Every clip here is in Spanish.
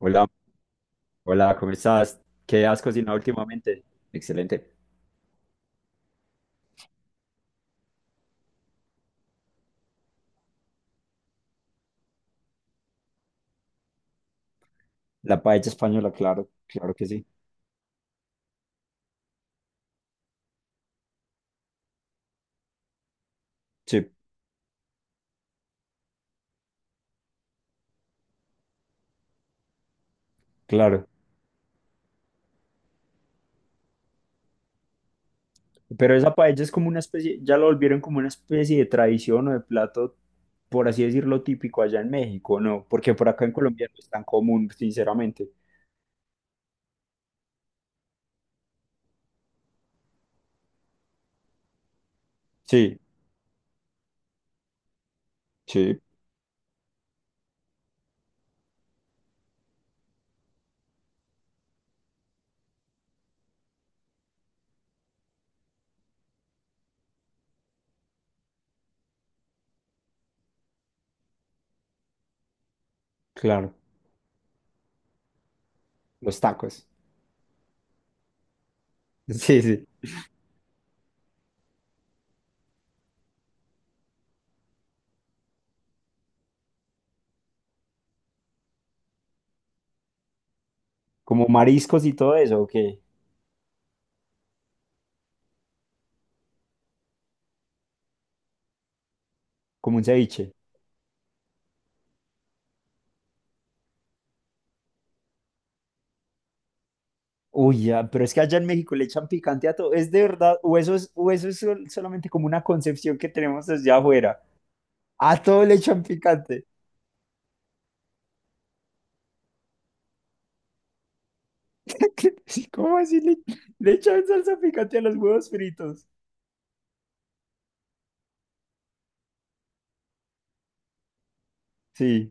Hola, hola, ¿cómo estás? ¿Qué has cocinado últimamente? Excelente. La paella española, claro, claro que sí. Sí, claro. Pero esa paella es como una especie, ya lo volvieron como una especie de tradición o de plato, por así decirlo, típico allá en México, ¿no? Porque por acá en Colombia no es tan común, sinceramente. Sí, sí, claro. Los tacos. Sí, sí. ¿Como mariscos y todo eso, o qué? Como un ceviche. Uy, ya, pero es que allá en México le echan picante a todo. ¿Es de verdad? ¿O eso es, o solamente como una concepción que tenemos desde afuera? A todo le echan picante. ¿Cómo le echan salsa picante a los huevos fritos? Sí,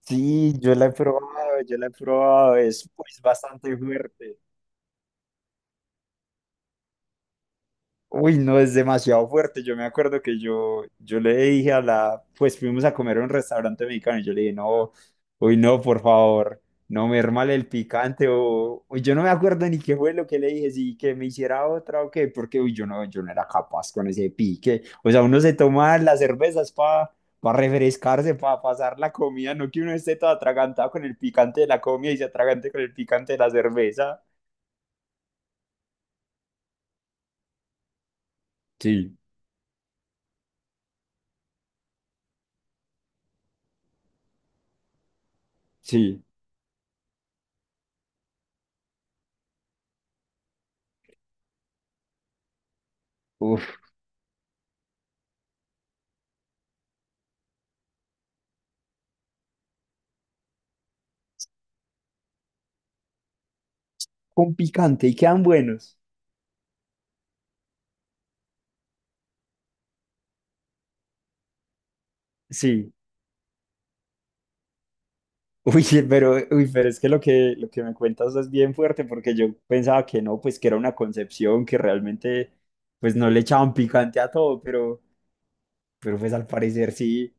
sí, yo la he probado. Es pues bastante fuerte. Uy, no, es demasiado fuerte. Yo me acuerdo que yo le dije a la, pues fuimos a comer a un restaurante mexicano y yo le dije, no, uy, no, por favor, no me hermale el picante o, uy, yo no me acuerdo ni qué fue lo que le dije, si que me hiciera otra o qué, porque, uy, yo no era capaz con ese pique. O sea, uno se toma las cervezas para refrescarse, para pasar la comida, no que uno esté todo atragantado con el picante de la comida y se atragante con el picante de la cerveza. Sí, sí, uf, con picante y quedan buenos. Sí, uy, pero, uy, pero es que lo que me cuentas es bien fuerte porque yo pensaba que no, pues que era una concepción que realmente pues no le echaban picante a todo, pero pues al parecer sí.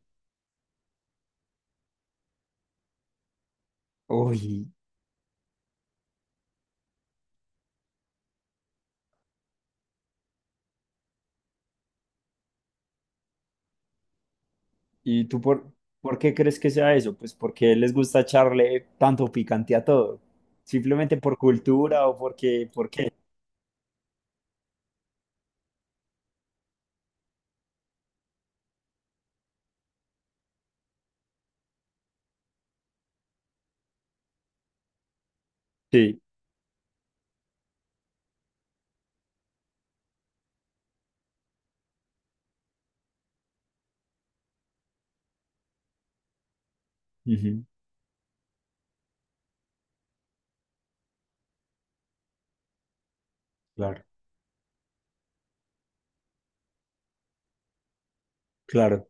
Uy, ¿y por qué crees que sea eso? Pues porque les gusta echarle tanto picante a todo. Simplemente por cultura o porque. Sí, ujú. Claro, claro,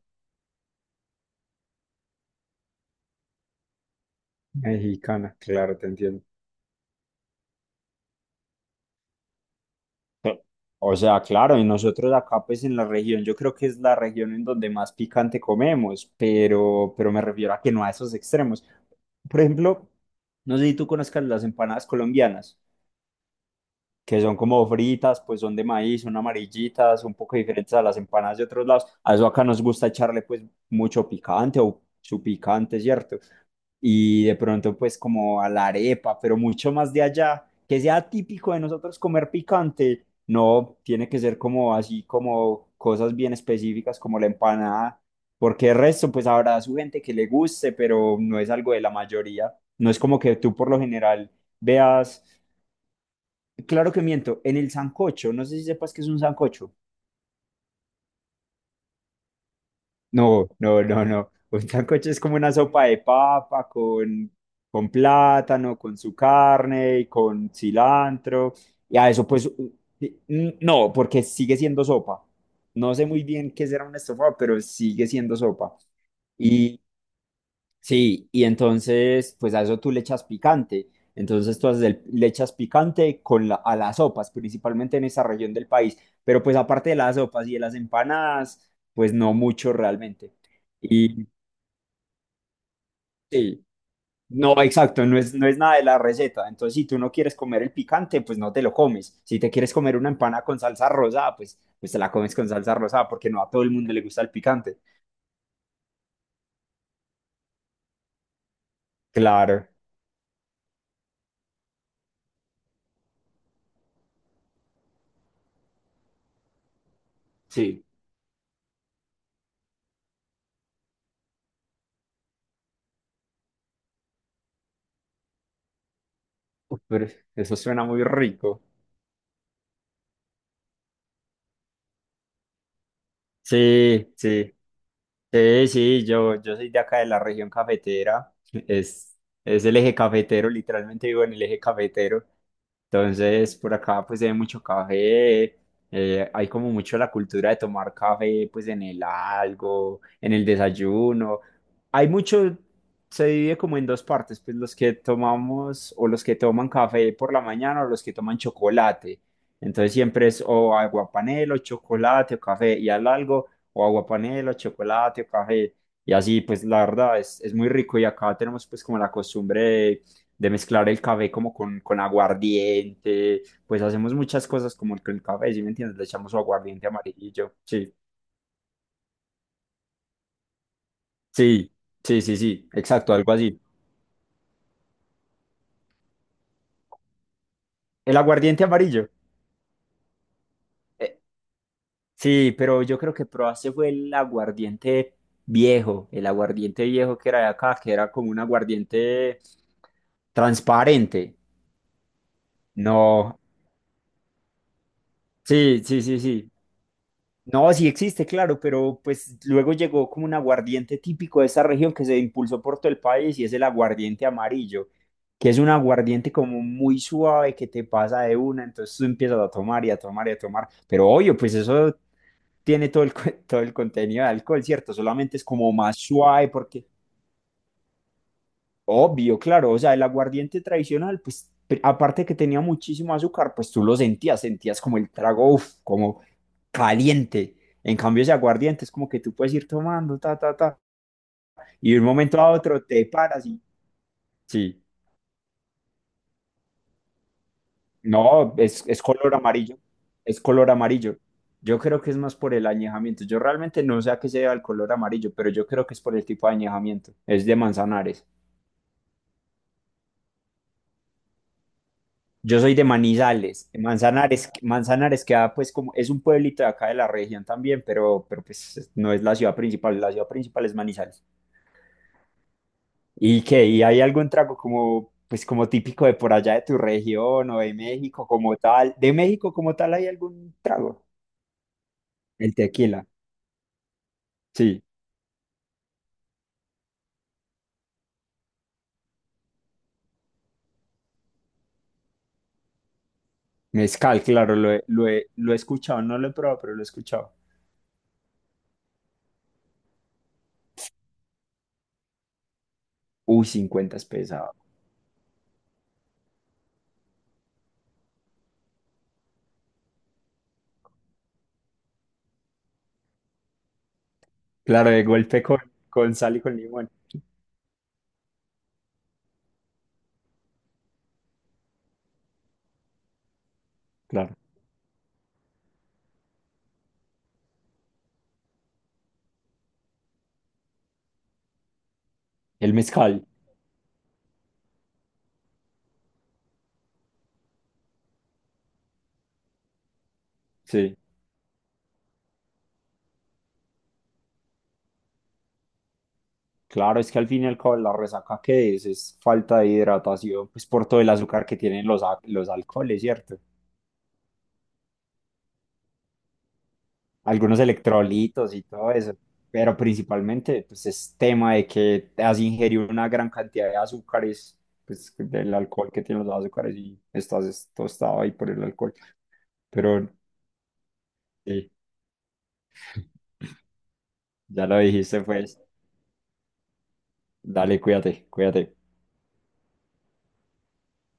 mexicana, claro, te entiendo. O sea, claro, y nosotros acá pues en la región, yo creo que es la región en donde más picante comemos, pero, me refiero a que no a esos extremos. Por ejemplo, no sé si tú conozcas las empanadas colombianas que son como fritas, pues son de maíz, son amarillitas, un poco diferentes a las empanadas de otros lados. A eso acá nos gusta echarle pues mucho picante o su picante, ¿cierto? Y de pronto pues como a la arepa, pero mucho más de allá, que sea típico de nosotros comer picante, no, tiene que ser como así, como cosas bien específicas como la empanada, porque el resto pues habrá su gente que le guste, pero no es algo de la mayoría. No es como que tú por lo general veas. Claro que miento, en el sancocho, no sé si sepas que es un sancocho. No, no, no, no. Un sancocho es como una sopa de papa con plátano, con su carne y con cilantro. Y a eso pues, no, porque sigue siendo sopa. No sé muy bien qué será un estofado, pero sigue siendo sopa. Sí, y entonces, pues a eso tú le echas picante. Entonces tú haces le echas picante con a las sopas, principalmente en esa región del país. Pero pues aparte de las sopas y de las empanadas, pues no mucho realmente. Y sí, no, exacto, no es nada de la receta. Entonces, si tú no quieres comer el picante, pues no te lo comes. Si te quieres comer una empanada con salsa rosada, pues, pues te la comes con salsa rosada, porque no a todo el mundo le gusta el picante. Claro, sí. Uf, pero eso suena muy rico. Sí, sí, sí, sí, yo soy de acá de la región cafetera, es, es el eje cafetero, literalmente vivo en el eje cafetero. Entonces, por acá pues se hay mucho café, hay como mucho la cultura de tomar café pues en el algo, en el desayuno. Hay mucho, se divide como en dos partes, pues los que tomamos o los que toman café por la mañana o los que toman chocolate. Entonces siempre es o aguapanelo, chocolate o café y al algo, o aguapanelo, chocolate o café. Y así pues la verdad es muy rico y acá tenemos pues como la costumbre de mezclar el café como con aguardiente, pues hacemos muchas cosas como con el café, ¿sí me entiendes? Le echamos su aguardiente amarillo, sí, sí, sí, sí, sí, exacto, algo así. El aguardiente amarillo, eh, sí, pero yo creo que probaste fue el aguardiente viejo que era de acá, que era como un aguardiente transparente. No, sí, sí, sí, sí. No, sí existe, claro, pero pues luego llegó como un aguardiente típico de esa región que se impulsó por todo el país y es el aguardiente amarillo, que es un aguardiente como muy suave que te pasa de una, entonces tú empiezas a tomar y a tomar y a tomar, pero obvio, pues eso tiene todo todo el contenido de alcohol, ¿cierto? Solamente es como más suave porque obvio, claro, o sea, el aguardiente tradicional, pues aparte de que tenía muchísimo azúcar, pues tú lo sentías, sentías como el trago, uf, como caliente. En cambio, ese aguardiente es como que tú puedes ir tomando, ta, ta, ta, y de un momento a otro te paras y sí, no, es color amarillo, es color amarillo. Yo creo que es más por el añejamiento. Yo realmente no sé a qué se debe el color amarillo, pero yo creo que es por el tipo de añejamiento. Es de Manzanares. Yo soy de Manizales, Manzanares, Manzanares queda pues como, es un pueblito de acá de la región también, pero pues no es la ciudad principal es Manizales. ¿Y qué? ¿Y hay algún trago como, pues como típico de por allá de tu región o de México como tal? ¿De México como tal hay algún trago? El tequila, sí. Mezcal, claro, lo he escuchado, no lo he probado, pero lo he escuchado. Uy, 50 es pesado. Claro, de golpe con sal y con limón, claro. El mezcal, sí. Claro, es que al fin y al cabo la resaca que es falta de hidratación, pues por todo el azúcar que tienen los alcoholes, ¿cierto? Algunos electrolitos y todo eso, pero principalmente pues es tema de que te has ingerido una gran cantidad de azúcares, pues del alcohol que tienen los azúcares y tostado ahí por el alcohol. Pero sí, ya lo dijiste pues, dale, cuídate, cuídate.